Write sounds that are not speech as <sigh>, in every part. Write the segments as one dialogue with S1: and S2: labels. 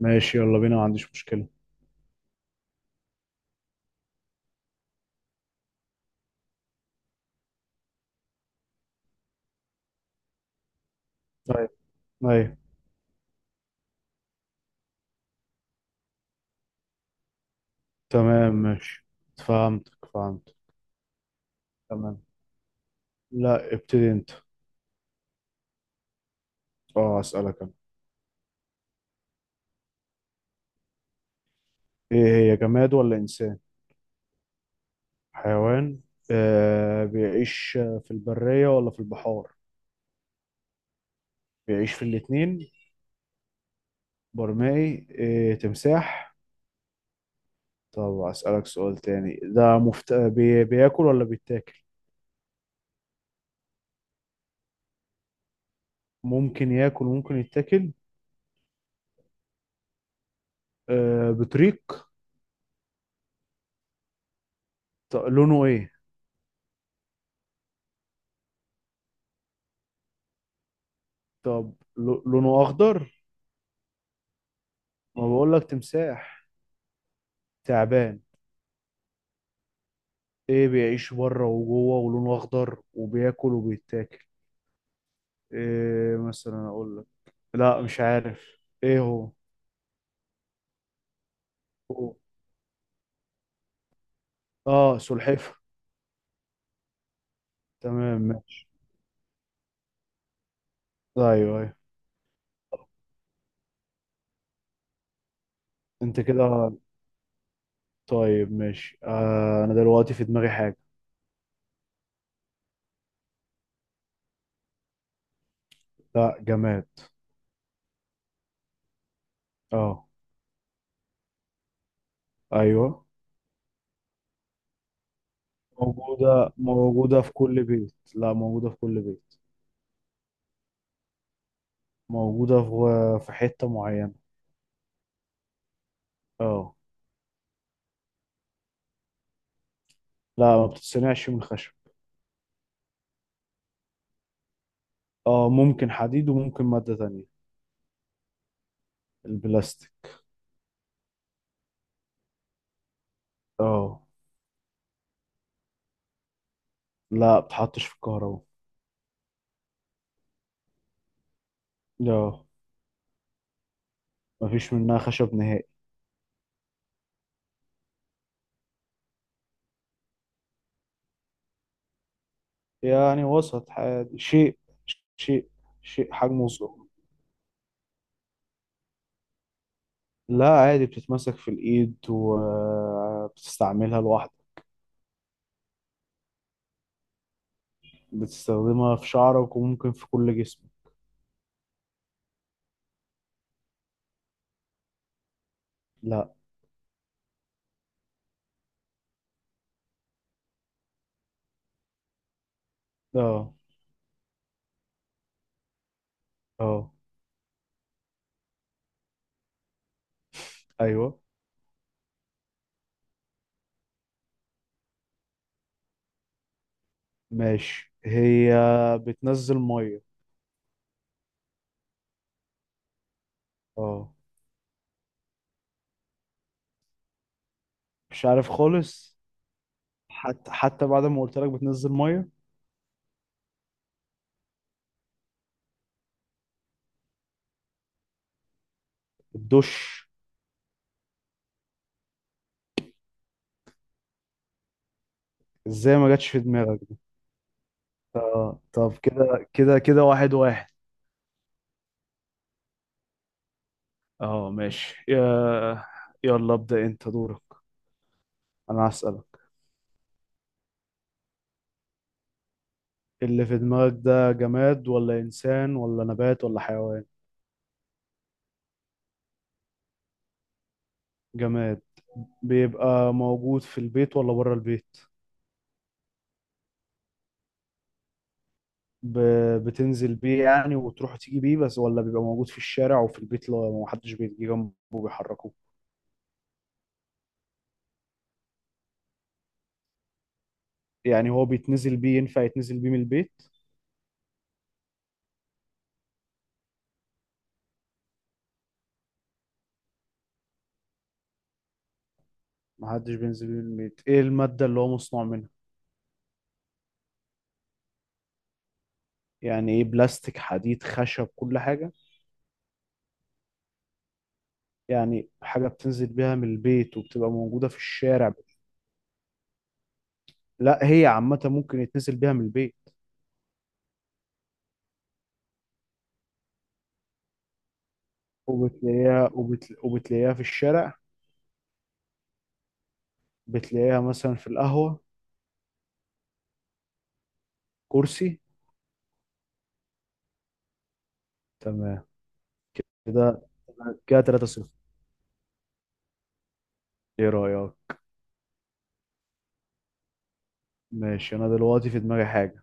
S1: ماشي، يلا بينا، ما عنديش مشكلة. طيب. أيوة. تمام ماشي. فهمت. تمام. لا، ابتدي أنت. أه، أسألك أنا. إيه؟ هي جماد ولا إنسان؟ حيوان؟ آه، بيعيش في البرية ولا في البحار؟ بيعيش في الاتنين؟ برمائي؟ إيه، تمساح؟ طب أسألك سؤال تاني. ده بياكل ولا بيتاكل؟ ممكن ياكل، ممكن يتاكل. آه، بطريق؟ طب لونه إيه؟ طب لونه أخضر؟ ما بقول لك تمساح. تعبان. ايه، بيعيش بره وجوه ولونه اخضر وبياكل وبيتاكل. ايه مثلا اقول لك؟ لا، مش عارف ايه هو. هو. اه، سلحفة. تمام ماشي. ايوه، ايوه. انت كده. طيب ماشي. آه، انا دلوقتي في دماغي حاجة. لا، جماد. اه. ايوه. موجودة في كل بيت. لا، موجودة في كل بيت. موجودة في حتة معينة. اه. لا، ما بتتصنعش من خشب. اه، ممكن حديد وممكن مادة تانية. البلاستيك. اه. لا، بتحطش في الكهرباء. اه. مفيش منها خشب نهائي. يعني وسط، عادي. شيء. شيء شيء حجمه صغير. لا، عادي بتتمسك في الإيد وبتستعملها لوحدك. بتستخدمها في شعرك وممكن في كل جسمك. لا. اه. اه. ايوه ماشي. هي بتنزل ميه. اه. مش عارف خالص. حتى بعد ما قلت لك بتنزل ميه. الدش. ازاي ما جاتش في دماغك؟ اه طب. كده كده كده، واحد واحد. اه ماشي يلا ابدأ انت دورك. انا هسألك. اللي في دماغك ده جماد ولا انسان ولا نبات ولا حيوان؟ جماد. بيبقى موجود في البيت ولا بره البيت؟ ب... بتنزل بيه يعني وتروح وتيجي بيه بس، ولا بيبقى موجود في الشارع وفي البيت لو محدش بيجي جنبه بيحركه؟ يعني هو بيتنزل بيه؟ ينفع يتنزل بيه من البيت؟ محدش بينزل بيه من البيت. ايه المادة اللي هو مصنوع منها؟ يعني ايه، بلاستيك حديد خشب كل حاجة؟ يعني حاجة بتنزل بيها من البيت وبتبقى موجودة في الشارع. لا هي عامة، ممكن يتنزل بيها من البيت وبتلاقيها في الشارع. بتلاقيها مثلا في القهوة. كرسي. تمام. كده. كده 3 صفر. ايه رأيك؟ ماشي، انا دلوقتي في دماغي حاجة.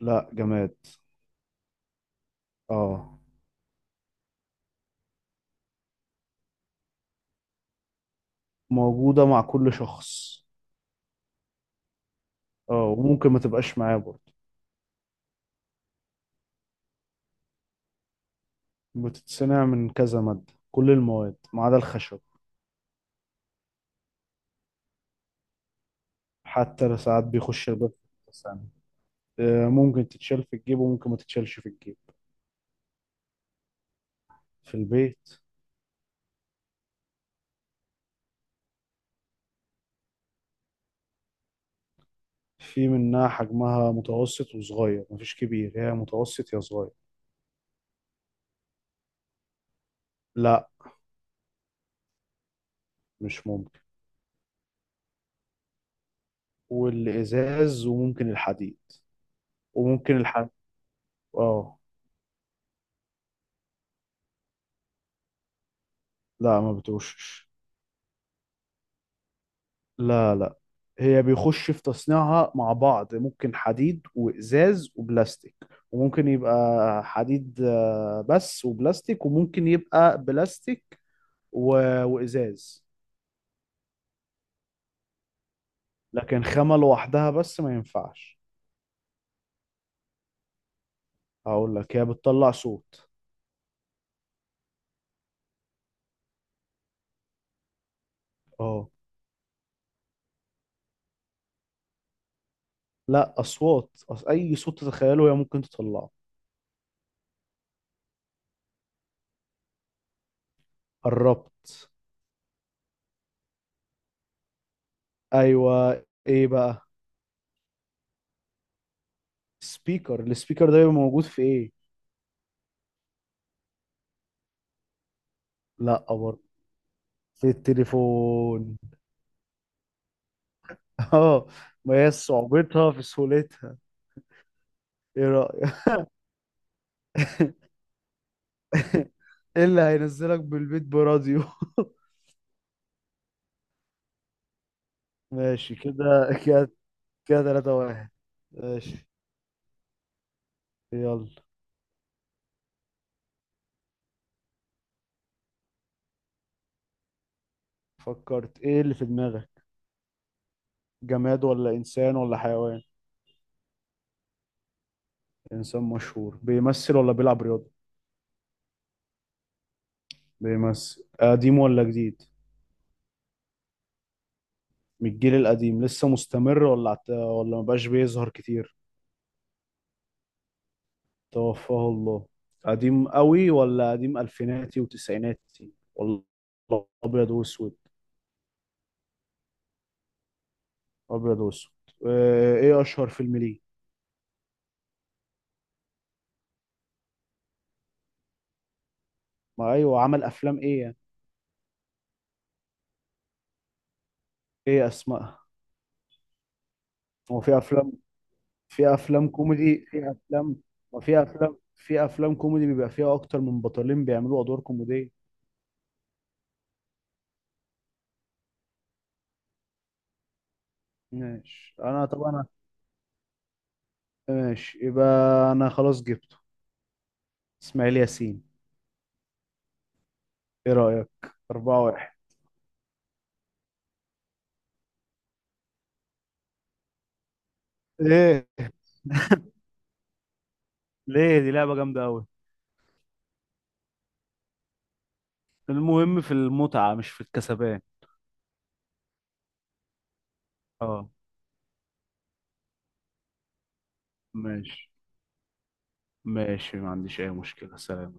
S1: لا، جماد. اه. موجودة مع كل شخص. اه وممكن ما تبقاش معاه برضه. بتتصنع من كذا مادة، كل المواد ما عدا الخشب. حتى ساعات بيخش الباب. ممكن تتشال في الجيب وممكن ما تتشالش في الجيب. في البيت. في منها حجمها متوسط وصغير، مفيش كبير، هي متوسط يا صغير. لا. مش ممكن. والإزاز وممكن الحديد. وممكن الحديد. اه. لا، ما بتوشش. لا لا. هي بيخش في تصنيعها مع بعض، ممكن حديد وإزاز وبلاستيك. وممكن يبقى حديد بس، وبلاستيك، وممكن يبقى بلاستيك و... وإزاز. لكن خامة لوحدها بس ما ينفعش. هقول لك، هي بتطلع صوت. اه. لا اصوات، اي صوت تتخيله هي ممكن تطلعه. قربت. ايوه. ايه بقى؟ سبيكر. السبيكر ده بيبقى موجود في ايه؟ لا برضه. في التليفون. <laughs> اه. ما هي صعوبتها في سهولتها. ايه رأيك؟ <laughs> ايه اللي هينزلك بالبيت براديو؟ <laughs> ماشي كده. كده. كده 3 واحد. ماشي. يلا. فكرت؟ ايه اللي في دماغك؟ جماد ولا إنسان ولا حيوان؟ إنسان مشهور. بيمثل ولا بيلعب رياضة؟ بيمثل. قديم ولا جديد؟ من الجيل القديم لسه مستمر، ولا ولا مبقاش بيظهر كتير؟ توفاه الله. قديم قوي ولا قديم ألفيناتي وتسعيناتي ولا؟ أبيض وأسود؟ أبيض وأسود. آه، إيه أشهر فيلم ليه؟ ما أيوه، عمل أفلام إيه يعني؟ إيه أسمائها؟ هو في أفلام؟ في أفلام كوميدي، في أفلام، وفي أفلام، في أفلام كوميدي بيبقى فيها أكتر من بطلين بيعملوا أدوار كوميدية. ماشي انا، طب انا. ماشي يبقى. انا خلاص جبته. اسماعيل ياسين. ايه رأيك؟ 4-1. ايه؟ ليه؟ دي لعبة جامدة أوي. المهم في المتعة مش في الكسبان. اه. ماشي. ماشي، ما عنديش اي مشكلة، سلام.